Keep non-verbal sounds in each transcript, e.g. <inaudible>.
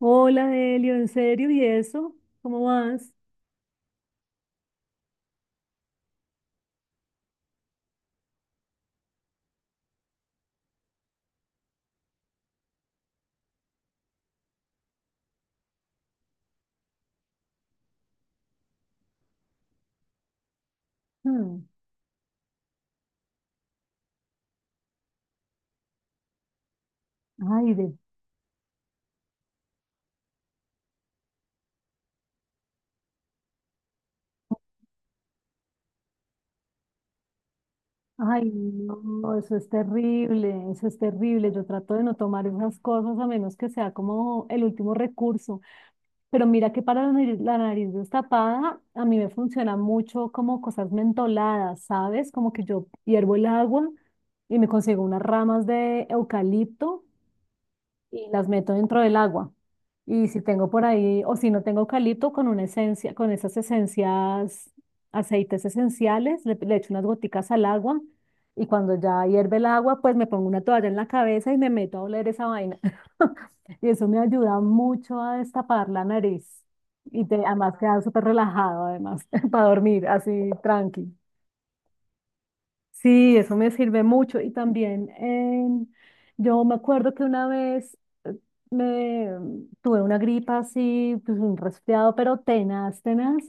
Hola, Delio, ¿en serio? ¿Y eso? ¿Cómo vas? Hmm, Ay, de- ay, no, eso es terrible, eso es terrible. Yo trato de no tomar esas cosas a menos que sea como el último recurso. Pero mira que para la nariz destapada, a mí me funciona mucho como cosas mentoladas, ¿sabes? Como que yo hiervo el agua y me consigo unas ramas de eucalipto y las meto dentro del agua. Y si tengo por ahí, o si no tengo eucalipto, con una esencia, con esas esencias, aceites esenciales, le echo unas goticas al agua y cuando ya hierve el agua, pues me pongo una toalla en la cabeza y me meto a oler esa vaina. <laughs> Y eso me ayuda mucho a destapar la nariz. Y te, además queda súper relajado, además, <laughs> para dormir así tranqui. Sí, eso me sirve mucho. Y también yo me acuerdo que una vez eh, me tuve una gripa así, pues un resfriado, pero tenaz, tenaz.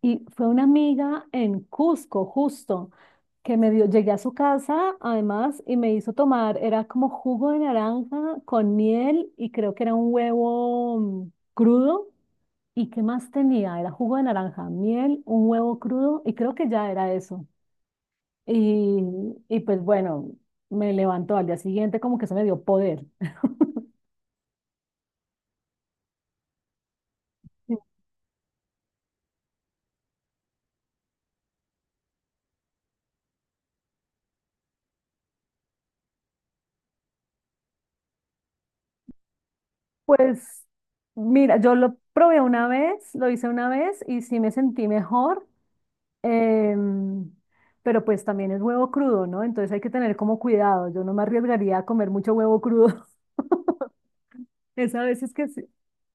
Y fue una amiga en Cusco, justo, que me dio, llegué a su casa además y me hizo tomar, era como jugo de naranja con miel y creo que era un huevo crudo. ¿Y qué más tenía? Era jugo de naranja, miel, un huevo crudo y creo que ya era eso. Y, y pues bueno, me levantó al día siguiente como que eso me dio poder. Pues mira, yo lo probé una vez, lo hice una vez y sí me sentí mejor, em, pero pues también es huevo crudo, ¿no? Entonces hay que tener como cuidado. Yo no me arriesgaría a comer mucho huevo crudo. <laughs> Esa vez es que sí.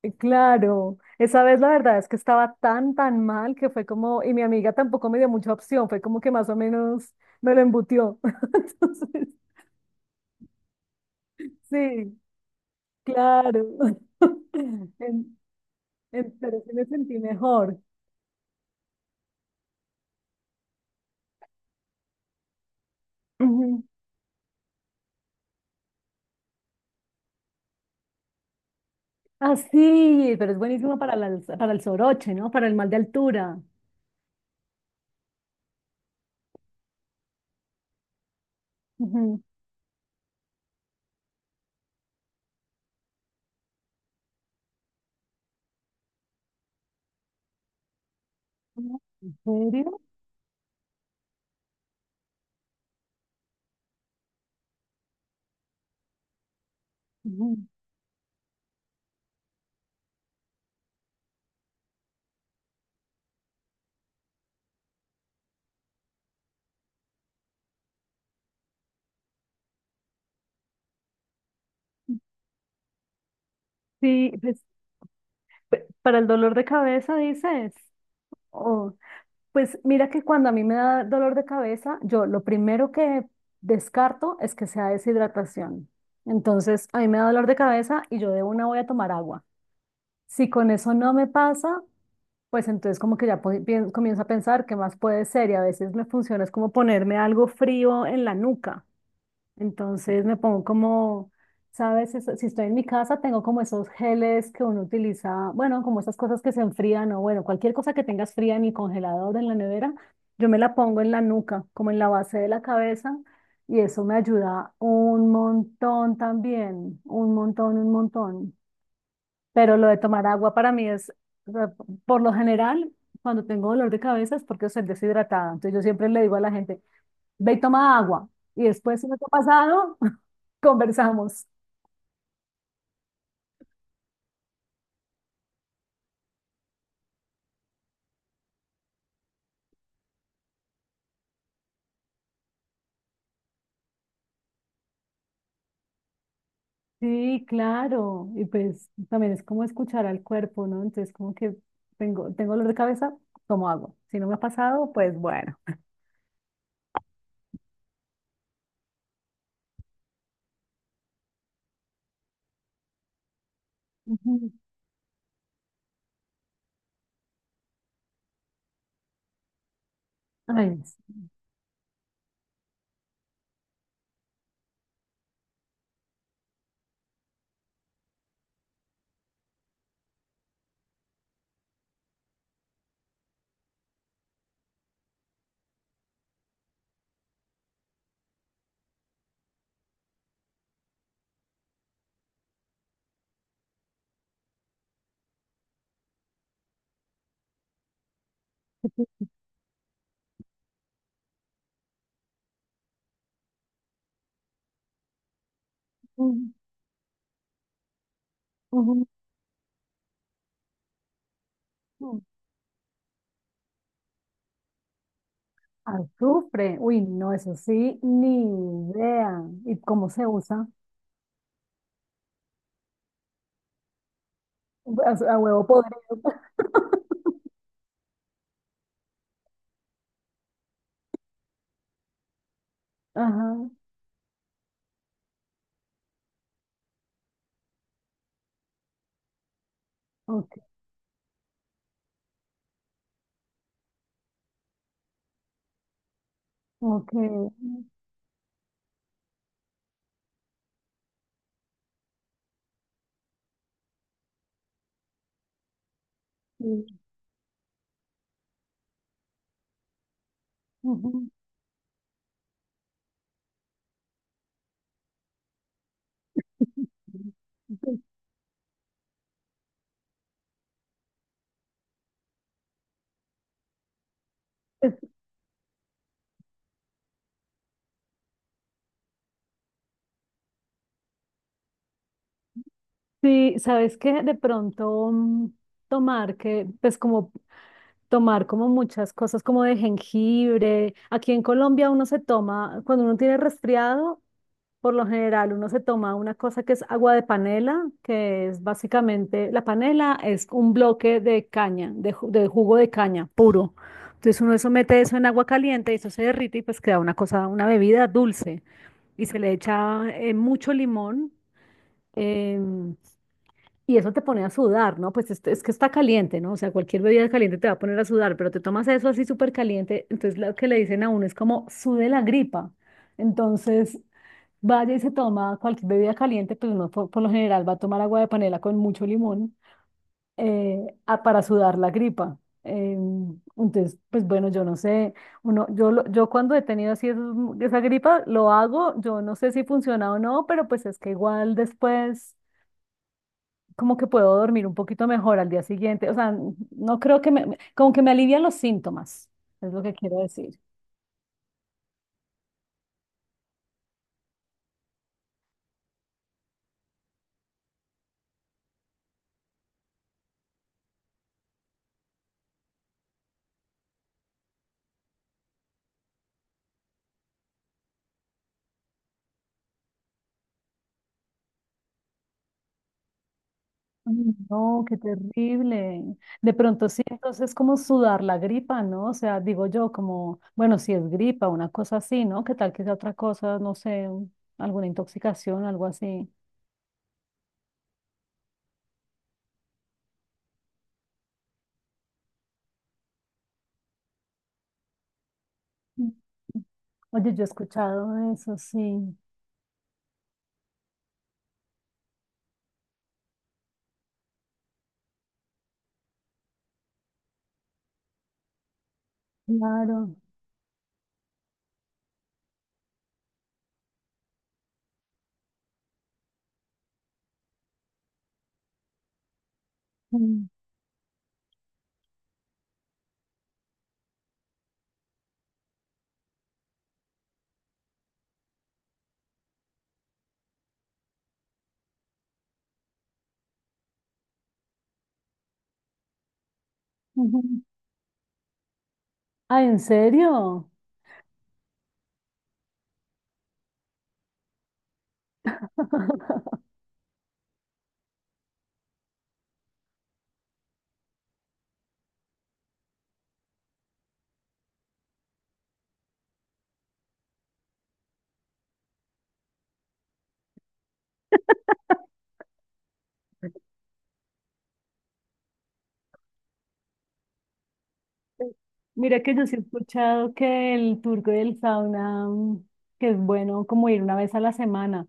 Claro, esa vez la verdad es que estaba tan, tan mal que fue como, y mi amiga tampoco me dio mucha opción, fue como que más o menos me lo embutió. <laughs> Entonces, sí, Claro. <laughs> En- pero sí me sentí mejor. Ujú. Ah, sí, pero es buenísimo para, para el soroche, ¿no? Para el mal de altura. Ujú. Ah, ¿en serio? Ujú. Sí, pues para el dolor de cabeza dices. Oh, pues mira que cuando a mí me da dolor de cabeza, yo lo primero que descarto es que sea deshidratación. Entonces, a mí me da dolor de cabeza y yo de una voy a tomar agua. Si con eso no me pasa, pues entonces como que ya comienzo a pensar qué más puede ser y a veces me funciona es como ponerme algo frío en la nuca. Entonces me pongo como, ¿sabes? Si estoy en mi casa tengo como esos geles que uno utiliza, bueno, como esas cosas que se enfrían o bueno, cualquier cosa que tengas fría en mi congelador, en la nevera, yo me la pongo en la nuca, como en la base de la cabeza y eso me ayuda un montón también, un montón, un montón. Pero lo de tomar agua para mí es, o sea, por lo general, cuando tengo dolor de cabeza es porque estoy deshidratada. Entonces yo siempre le digo a la gente, ve y toma agua. Y después, si no te ha pasado, <laughs> conversamos. Sí, claro. Y pues también es como escuchar al cuerpo, ¿no? Entonces como que tengo dolor de cabeza, tomo agua. Si no me ha pasado, pues bueno. Ujú. Ay, sí. Ujú, ujú, ujú. Azufre. Uy, no, eso sí, ni idea. ¿Y cómo se usa? A huevo podrido. Ajá, ok, ok. Sí, ujú. Pues sí, sabes que de pronto tomar que, pues como tomar como muchas cosas como de jengibre. Aquí en Colombia uno se toma, cuando uno tiene resfriado, por lo general, uno se toma una cosa que es agua de panela, que es básicamente, la panela es un bloque de caña, de, de jugo de caña puro. Entonces uno eso mete eso en agua caliente y eso se derrite y pues queda una cosa, una bebida dulce. Y se le echa mucho limón em, y eso te pone a sudar, ¿no? Pues es que está caliente, ¿no? O sea, cualquier bebida caliente te va a poner a sudar, pero te tomas eso así súper caliente, entonces lo que le dicen a uno es como sude la gripa. Entonces, vaya y se toma cualquier bebida caliente, pues no, por lo general va a tomar agua de panela con mucho limón eh, para sudar la gripa. Eh, entonces, pues bueno, yo no sé, yo cuando he tenido así esa gripa, lo hago, yo no sé si funciona o no, pero pues es que igual después como que puedo dormir un poquito mejor al día siguiente, o sea, no creo que como que me alivian los síntomas, es lo que quiero decir. Ay, no, qué terrible. De pronto sí, entonces como sudar la gripa, ¿no? O sea, digo yo como, bueno, si es gripa, una cosa así, ¿no? ¿Qué tal que sea otra cosa, no sé, alguna intoxicación, algo así? Mm. Oye, yo he escuchado eso, sí, claro. Mm, ujú. Ah, ¿en serio? <laughs> Mira que yo sí he escuchado que el turco del sauna, que es bueno como ir una vez a la semana.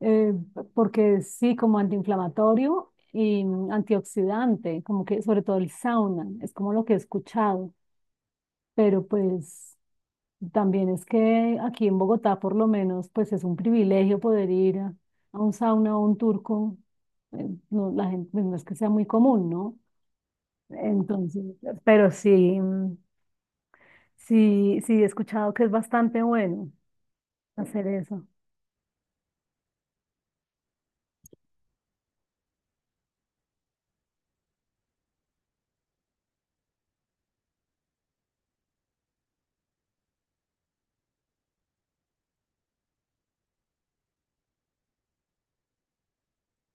eh, porque sí, como antiinflamatorio y antioxidante, como que sobre todo el sauna, es como lo que he escuchado, pero pues también es que aquí en Bogotá por lo menos pues es un privilegio poder ir a un sauna o un turco, no, la gente, pues, no es que sea muy común, ¿no? Entonces, pero sí, sí, sí he escuchado que es bastante bueno hacer eso.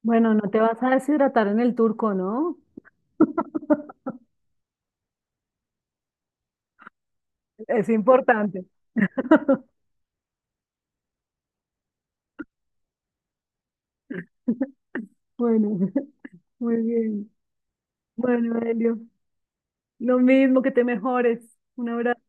Bueno, no te vas a deshidratar en el turco, ¿no? Es importante. <laughs> Bueno, <laughs> muy bien. Bueno, Elio, lo mismo que te mejores. Un abrazo.